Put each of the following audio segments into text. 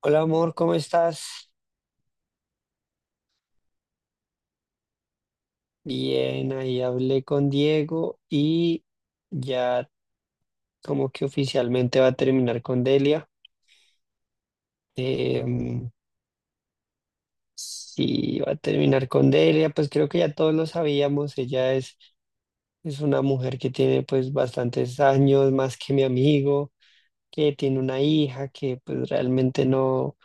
Hola, amor, ¿cómo estás? Bien, ahí hablé con Diego y ya como que oficialmente va a terminar con Delia. Em, sí, va a terminar con Delia, pues creo que ya todos lo sabíamos. Es una mujer que tiene pues bastantes años más que mi amigo, que tiene una hija, que pues realmente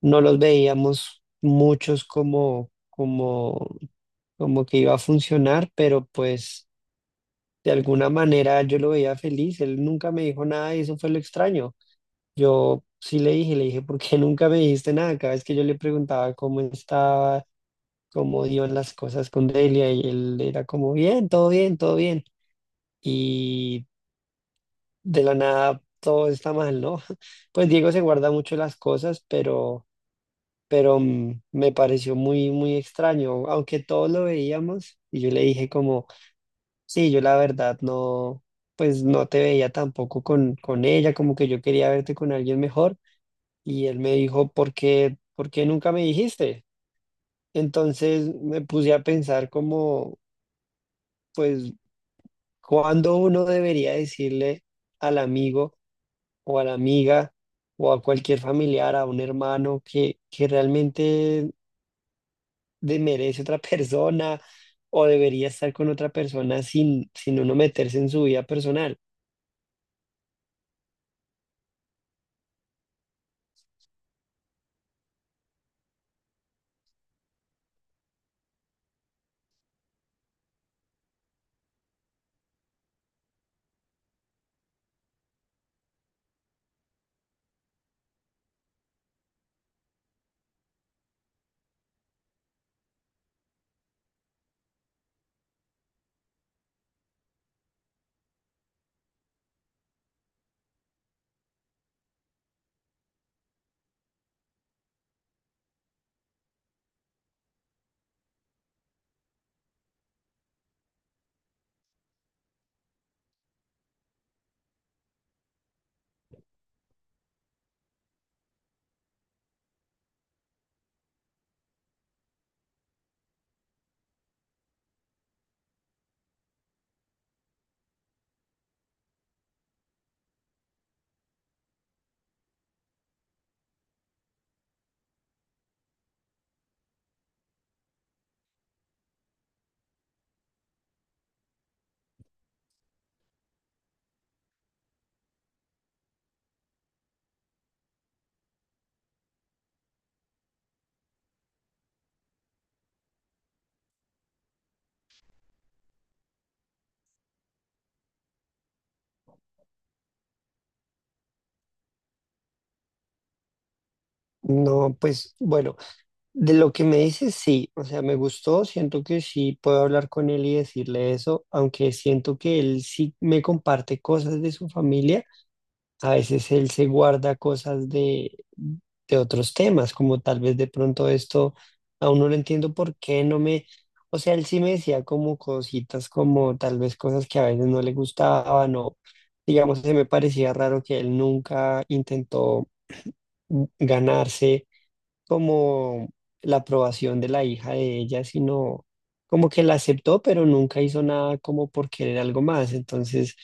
no los veíamos muchos como que iba a funcionar, pero pues... De alguna manera yo lo veía feliz, él nunca me dijo nada y eso fue lo extraño. Yo sí le dije, ¿por qué nunca me dijiste nada? Cada vez que yo le preguntaba cómo estaba, cómo iban las cosas con Delia, y él era como, bien, todo bien, todo bien. Y de la nada todo está mal, ¿no? Pues Diego se guarda mucho las cosas, pero me pareció muy, muy extraño, aunque todos lo veíamos y yo le dije como... Sí, yo la verdad no, pues no te veía tampoco con ella, como que yo quería verte con alguien mejor, y él me dijo, ¿por qué nunca me dijiste? Entonces me puse a pensar como, pues, ¿cuándo uno debería decirle al amigo o a la amiga o a cualquier familiar, a un hermano que realmente merece otra persona o debería estar con otra persona sin uno meterse en su vida personal? No, pues bueno. De lo que me dices, sí, o sea, me gustó, siento que sí puedo hablar con él y decirle eso, aunque siento que él sí me comparte cosas de su familia, a veces él se guarda cosas de otros temas, como tal vez de pronto esto. Aún no lo entiendo por qué no me, o sea, él sí me decía como cositas, como tal vez cosas que a veces no le gustaban o, digamos, se me parecía raro que él nunca intentó ganarse como la aprobación de la hija de ella, sino como que la aceptó, pero nunca hizo nada como por querer algo más. Entonces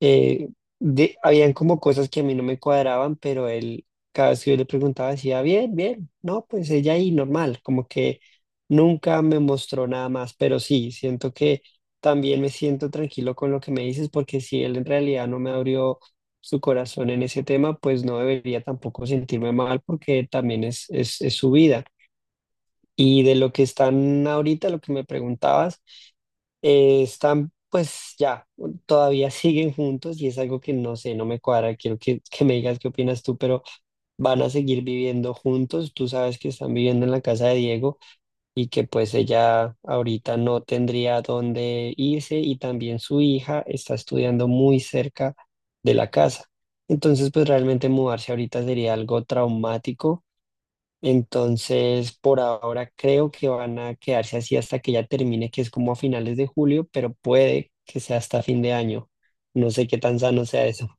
eh, habían como cosas que a mí no me cuadraban, pero él, cada vez que yo le preguntaba, decía, bien, bien, no, pues ella ahí normal, como que nunca me mostró nada más. Pero sí, siento que también me siento tranquilo con lo que me dices, porque si él en realidad no me abrió su corazón en ese tema, pues no debería tampoco sentirme mal, porque también es su vida. Y de lo que están ahorita, lo que me preguntabas, están, pues ya, todavía siguen juntos y es algo que no sé, no me cuadra. Quiero que me digas qué opinas tú, pero van a seguir viviendo juntos. Tú sabes que están viviendo en la casa de Diego y que pues ella ahorita no tendría dónde irse, y también su hija está estudiando muy cerca de la casa. Entonces, pues realmente mudarse ahorita sería algo traumático. Entonces, por ahora creo que van a quedarse así hasta que ya termine, que es como a finales de julio, pero puede que sea hasta fin de año. No sé qué tan sano sea eso.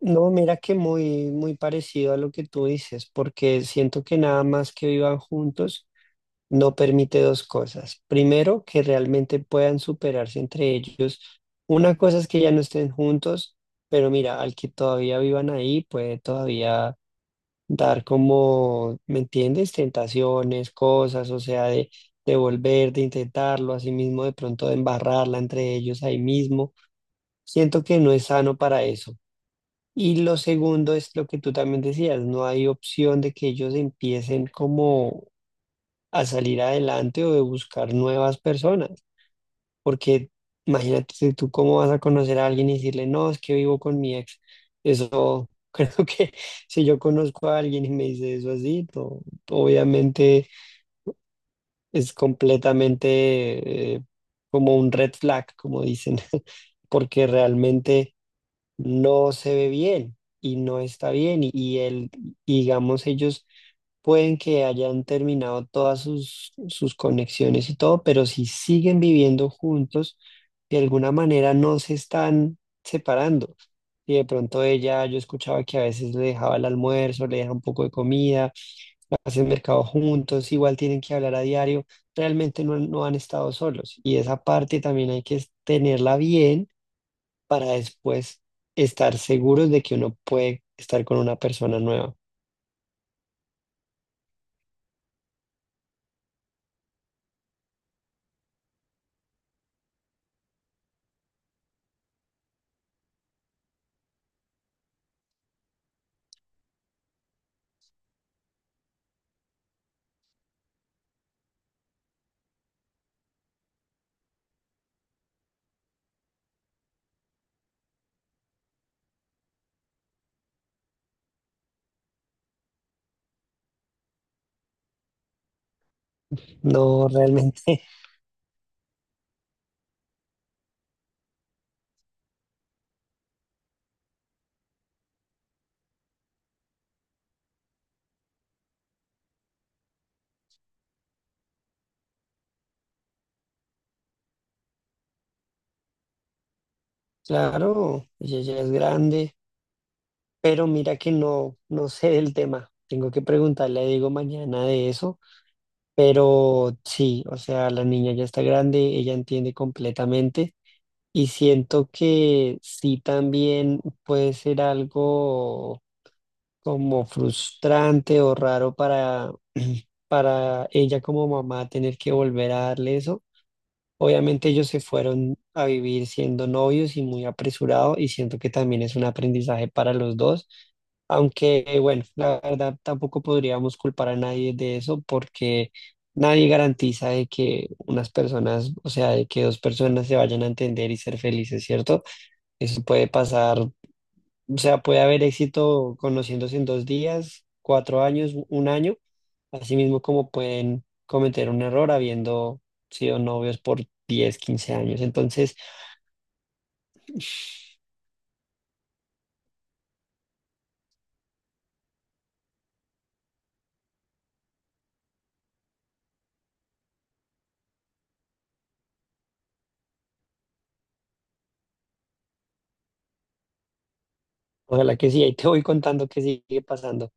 No, mira que muy, muy parecido a lo que tú dices, porque siento que nada más que vivan juntos no permite dos cosas. Primero, que realmente puedan superarse entre ellos. Una cosa es que ya no estén juntos, pero mira, al que todavía vivan ahí puede todavía dar como, ¿me entiendes? Tentaciones, cosas, o sea, de volver, de intentarlo, así mismo de pronto de embarrarla entre ellos ahí mismo. Siento que no es sano para eso. Y lo segundo es lo que tú también decías, no hay opción de que ellos empiecen como a salir adelante o de buscar nuevas personas, porque imagínate, si tú cómo vas a conocer a alguien y decirle, no, es que vivo con mi ex. Eso, creo que si yo conozco a alguien y me dice eso así, no, obviamente es completamente como un red flag, como dicen, porque realmente no se ve bien y no está bien. Y él, y Digamos, ellos pueden que hayan terminado todas sus conexiones y todo, pero si siguen viviendo juntos, de alguna manera no se están separando. Y de pronto ella, yo escuchaba que a veces le dejaba el almuerzo, le deja un poco de comida, hacen mercado juntos, igual tienen que hablar a diario. Realmente no, no han estado solos. Y esa parte también hay que tenerla bien para después estar seguros de que uno puede estar con una persona nueva. No, realmente. Claro, ella ya es grande, pero mira que no, no sé del tema. Tengo que preguntarle a Diego mañana de eso, pero sí, o sea, la niña ya está grande, ella entiende completamente, y siento que sí también puede ser algo como frustrante o raro para, para ella como mamá tener que volver a darle eso. Obviamente ellos se fueron a vivir siendo novios y muy apresurado, y siento que también es un aprendizaje para los dos, aunque bueno, la verdad tampoco podríamos culpar a nadie de eso, porque nadie garantiza de que unas personas, o sea, de que dos personas se vayan a entender y ser felices, ¿cierto? Eso puede pasar, o sea, puede haber éxito conociéndose en 2 días, 4 años, un año, así mismo como pueden cometer un error habiendo sido novios por 10 15 años. Entonces, ojalá que sí, ahí te voy contando qué sigue pasando.